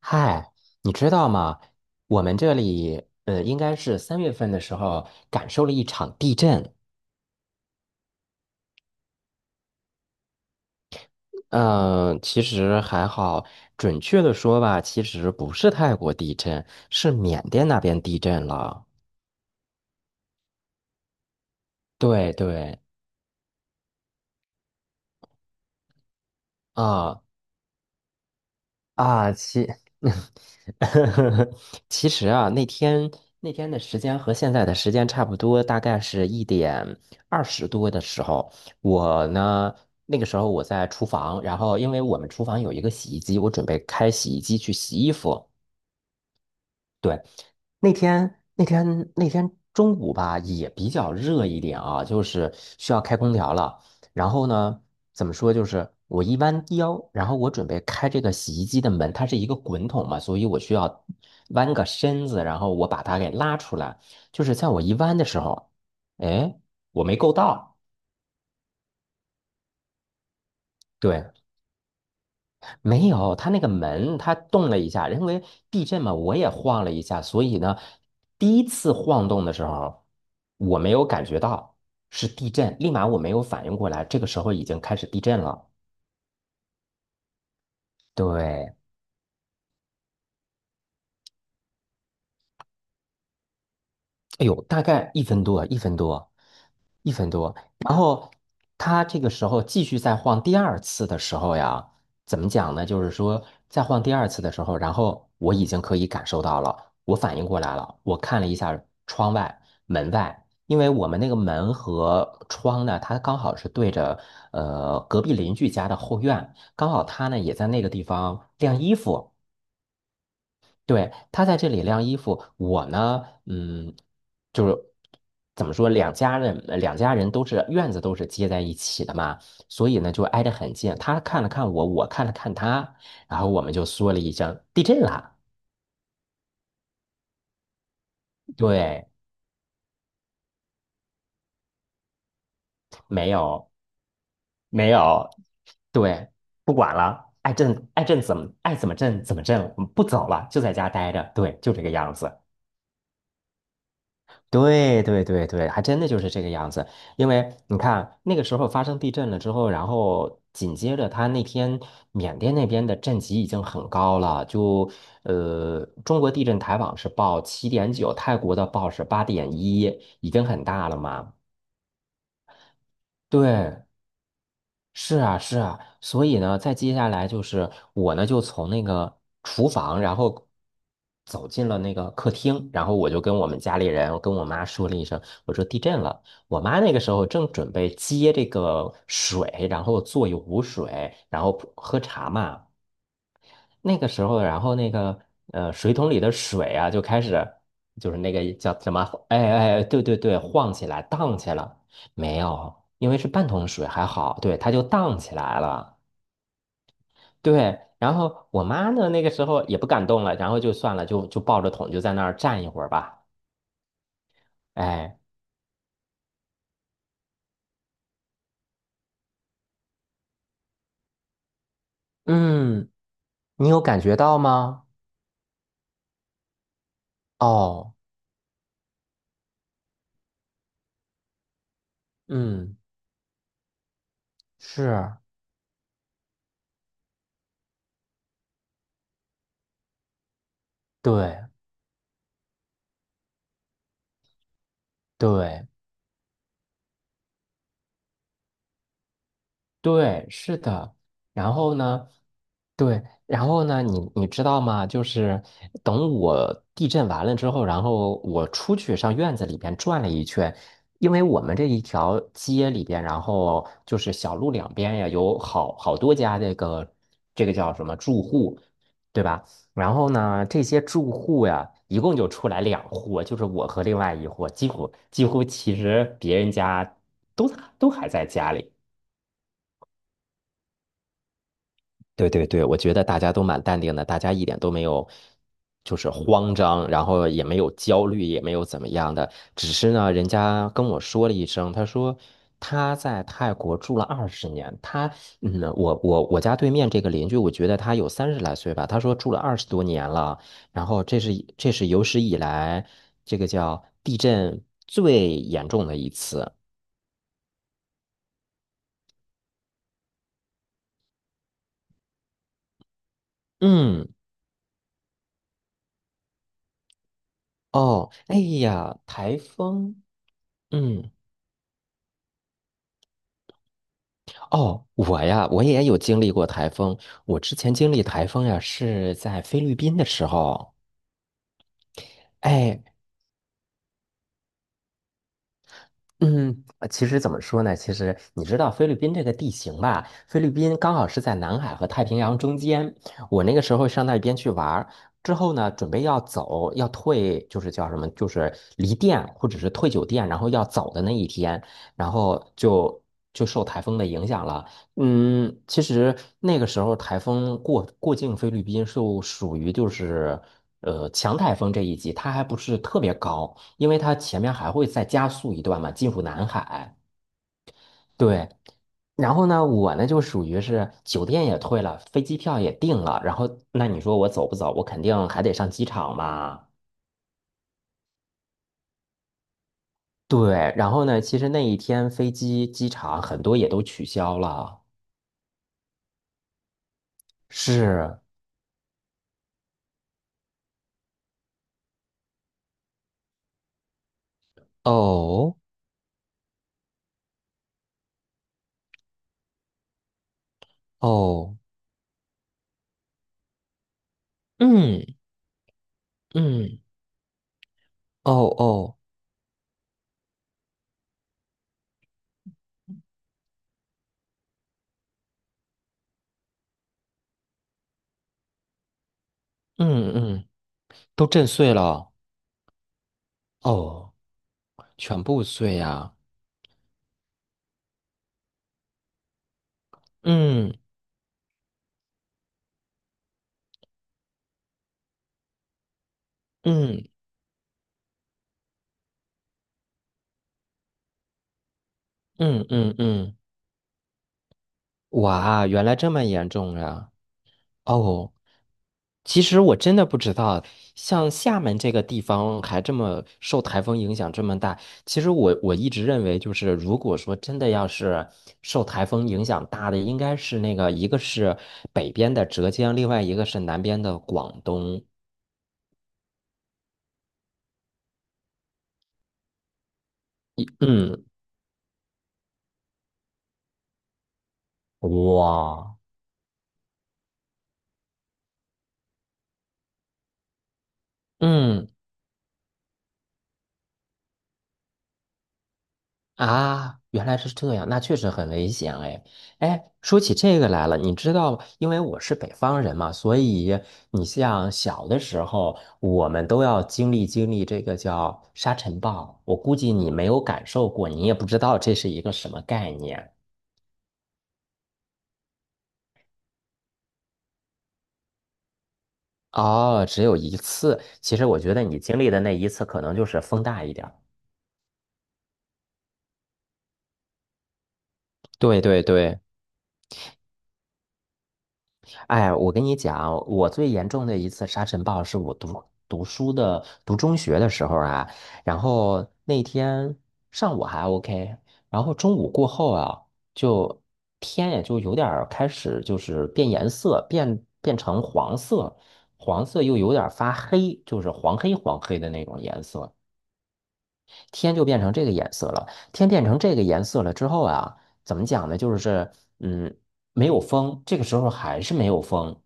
嗨，你知道吗？我们这里，应该是三月份的时候感受了一场地震。嗯、其实还好，准确的说吧，其实不是泰国地震，是缅甸那边地震了。对对，啊啊，其实啊，那天的时间和现在的时间差不多，大概是1点20多的时候，我呢那个时候我在厨房，然后因为我们厨房有一个洗衣机，我准备开洗衣机去洗衣服。对，那天中午吧，也比较热一点啊，就是需要开空调了。然后呢，怎么说，就是我一弯腰，然后我准备开这个洗衣机的门，它是一个滚筒嘛，所以我需要弯个身子，然后我把它给拉出来。就是在我一弯的时候，哎，我没够到，对，没有，它那个门它动了一下，因为地震嘛，我也晃了一下，所以呢，第一次晃动的时候，我没有感觉到是地震，立马我没有反应过来，这个时候已经开始地震了。对，哎呦，大概一分多，一分多，一分多。然后他这个时候继续再晃第二次的时候呀，怎么讲呢？就是说再晃第二次的时候，然后我已经可以感受到了，我反应过来了。我看了一下窗外、门外，因为我们那个门和窗呢，它刚好是对着隔壁邻居家的后院，刚好他呢也在那个地方晾衣服。对，他在这里晾衣服，我呢，就是怎么说，两家人都是院子都是接在一起的嘛，所以呢就挨得很近。他看了看我，我看了看他，然后我们就说了一声地震了。对，没有，没有，对，不管了，爱震爱震怎么爱怎么震怎么震，我们不走了，就在家待着，对，就这个样子。对对对对，还真的就是这个样子。因为你看，那个时候发生地震了之后，然后紧接着他那天缅甸那边的震级已经很高了，就中国地震台网是报7.9，泰国的报是8.1，已经很大了嘛。对，是啊，是啊，所以呢，再接下来就是我呢，就从那个厨房，然后走进了那个客厅，然后我就跟我们家里人，我跟我妈说了一声，我说地震了。我妈那个时候正准备接这个水，然后做一壶水，然后喝茶嘛。那个时候，然后那个水桶里的水啊，就开始就是那个叫什么？哎哎，哎对对对，晃起来，荡起来。没有，因为是半桶水，还好，对，它就荡起来了。对，然后我妈呢，那个时候也不敢动了，然后就算了，就抱着桶就在那儿站一会儿吧。哎，嗯，你有感觉到吗？哦，嗯，是，对对对，是的。然后呢？对，然后呢，你知道吗？就是等我地震完了之后，然后我出去上院子里边转了一圈，因为我们这一条街里边，然后就是小路两边呀，有好好多家这个叫什么住户，对吧？然后呢，这些住户呀，一共就出来两户，就是我和另外一户，几乎其实别人家都都还在家里。对对对，我觉得大家都蛮淡定的，大家一点都没有就是慌张，然后也没有焦虑，也没有怎么样的。只是呢，人家跟我说了一声，他说他在泰国住了20年，我家对面这个邻居，我觉得他有30来岁吧，他说住了20多年了，然后这是有史以来这个叫地震最严重的一次。嗯，哦，哎呀，台风，嗯。哦，我呀，我也有经历过台风。我之前经历台风呀，是在菲律宾的时候。哎，嗯，其实怎么说呢？其实你知道菲律宾这个地形吧？菲律宾刚好是在南海和太平洋中间。我那个时候上那边去玩儿之后呢，准备要走，要退，就是叫什么，就是离店或者是退酒店，然后要走的那一天，然后就受台风的影响了。嗯，其实那个时候台风过境菲律宾就属于就是强台风这一级，它还不是特别高，因为它前面还会再加速一段嘛，进入南海。对，然后呢，我呢就属于是酒店也退了，飞机票也订了，然后那你说我走不走？我肯定还得上机场嘛。对，然后呢，其实那一天飞机、机场很多也都取消了。是，哦哦，嗯嗯。哦哦，嗯嗯，都震碎了，哦，全部碎呀，嗯嗯嗯嗯嗯，哇，原来这么严重呀，哦，其实我真的不知道，像厦门这个地方还这么受台风影响这么大，其实我一直认为就是，如果说真的要是受台风影响大的，应该是那个一个是北边的浙江，另外一个是南边的广东，嗯，哇。嗯啊，原来是这样，那确实很危险哎。哎，说起这个来了，你知道，因为我是北方人嘛，所以你像小的时候，我们都要经历经历这个叫沙尘暴。我估计你没有感受过，你也不知道这是一个什么概念。哦，只有一次。其实我觉得你经历的那一次，可能就是风大一点儿。对对对。哎，我跟你讲，我最严重的一次沙尘暴是我读书的读中学的时候啊，然后那天上午还 OK，然后中午过后啊，就天也就有点儿开始就是变颜色，变成黄色，黄色又有点儿发黑，就是黄黑黄黑的那种颜色。天就变成这个颜色了。天变成这个颜色了之后啊，怎么讲呢？就是嗯，没有风，这个时候还是没有风。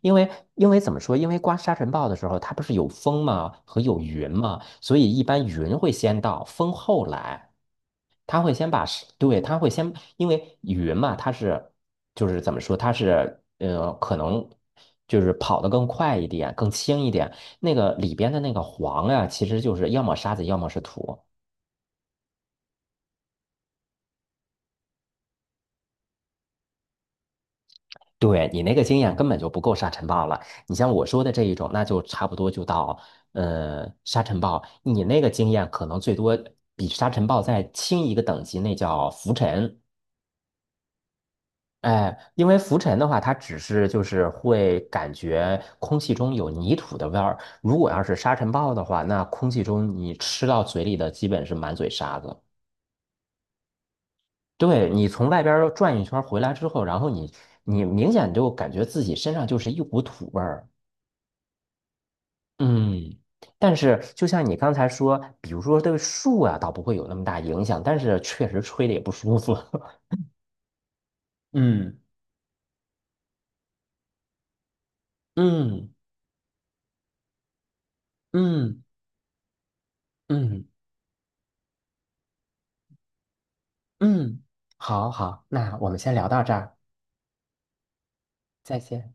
因为怎么说？因为刮沙尘暴的时候，它不是有风吗？和有云吗？所以一般云会先到，风后来。它会先把沙对，它会先，因为云嘛，它是就是怎么说？它是可能就是跑得更快一点，更轻一点，那个里边的那个黄呀、其实就是要么沙子，要么是土。对，你那个经验根本就不够沙尘暴了。你像我说的这一种，那就差不多就到沙尘暴。你那个经验可能最多比沙尘暴再轻一个等级，那叫浮尘。哎，因为浮尘的话，它只是就是会感觉空气中有泥土的味儿。如果要是沙尘暴的话，那空气中你吃到嘴里的基本是满嘴沙子。对，你从外边儿转一圈儿回来之后，然后你明显就感觉自己身上就是一股土味儿。嗯，但是就像你刚才说，比如说对树啊，倒不会有那么大影响，但是确实吹的也不舒服。嗯，嗯嗯嗯嗯，好好，那我们先聊到这儿，再见。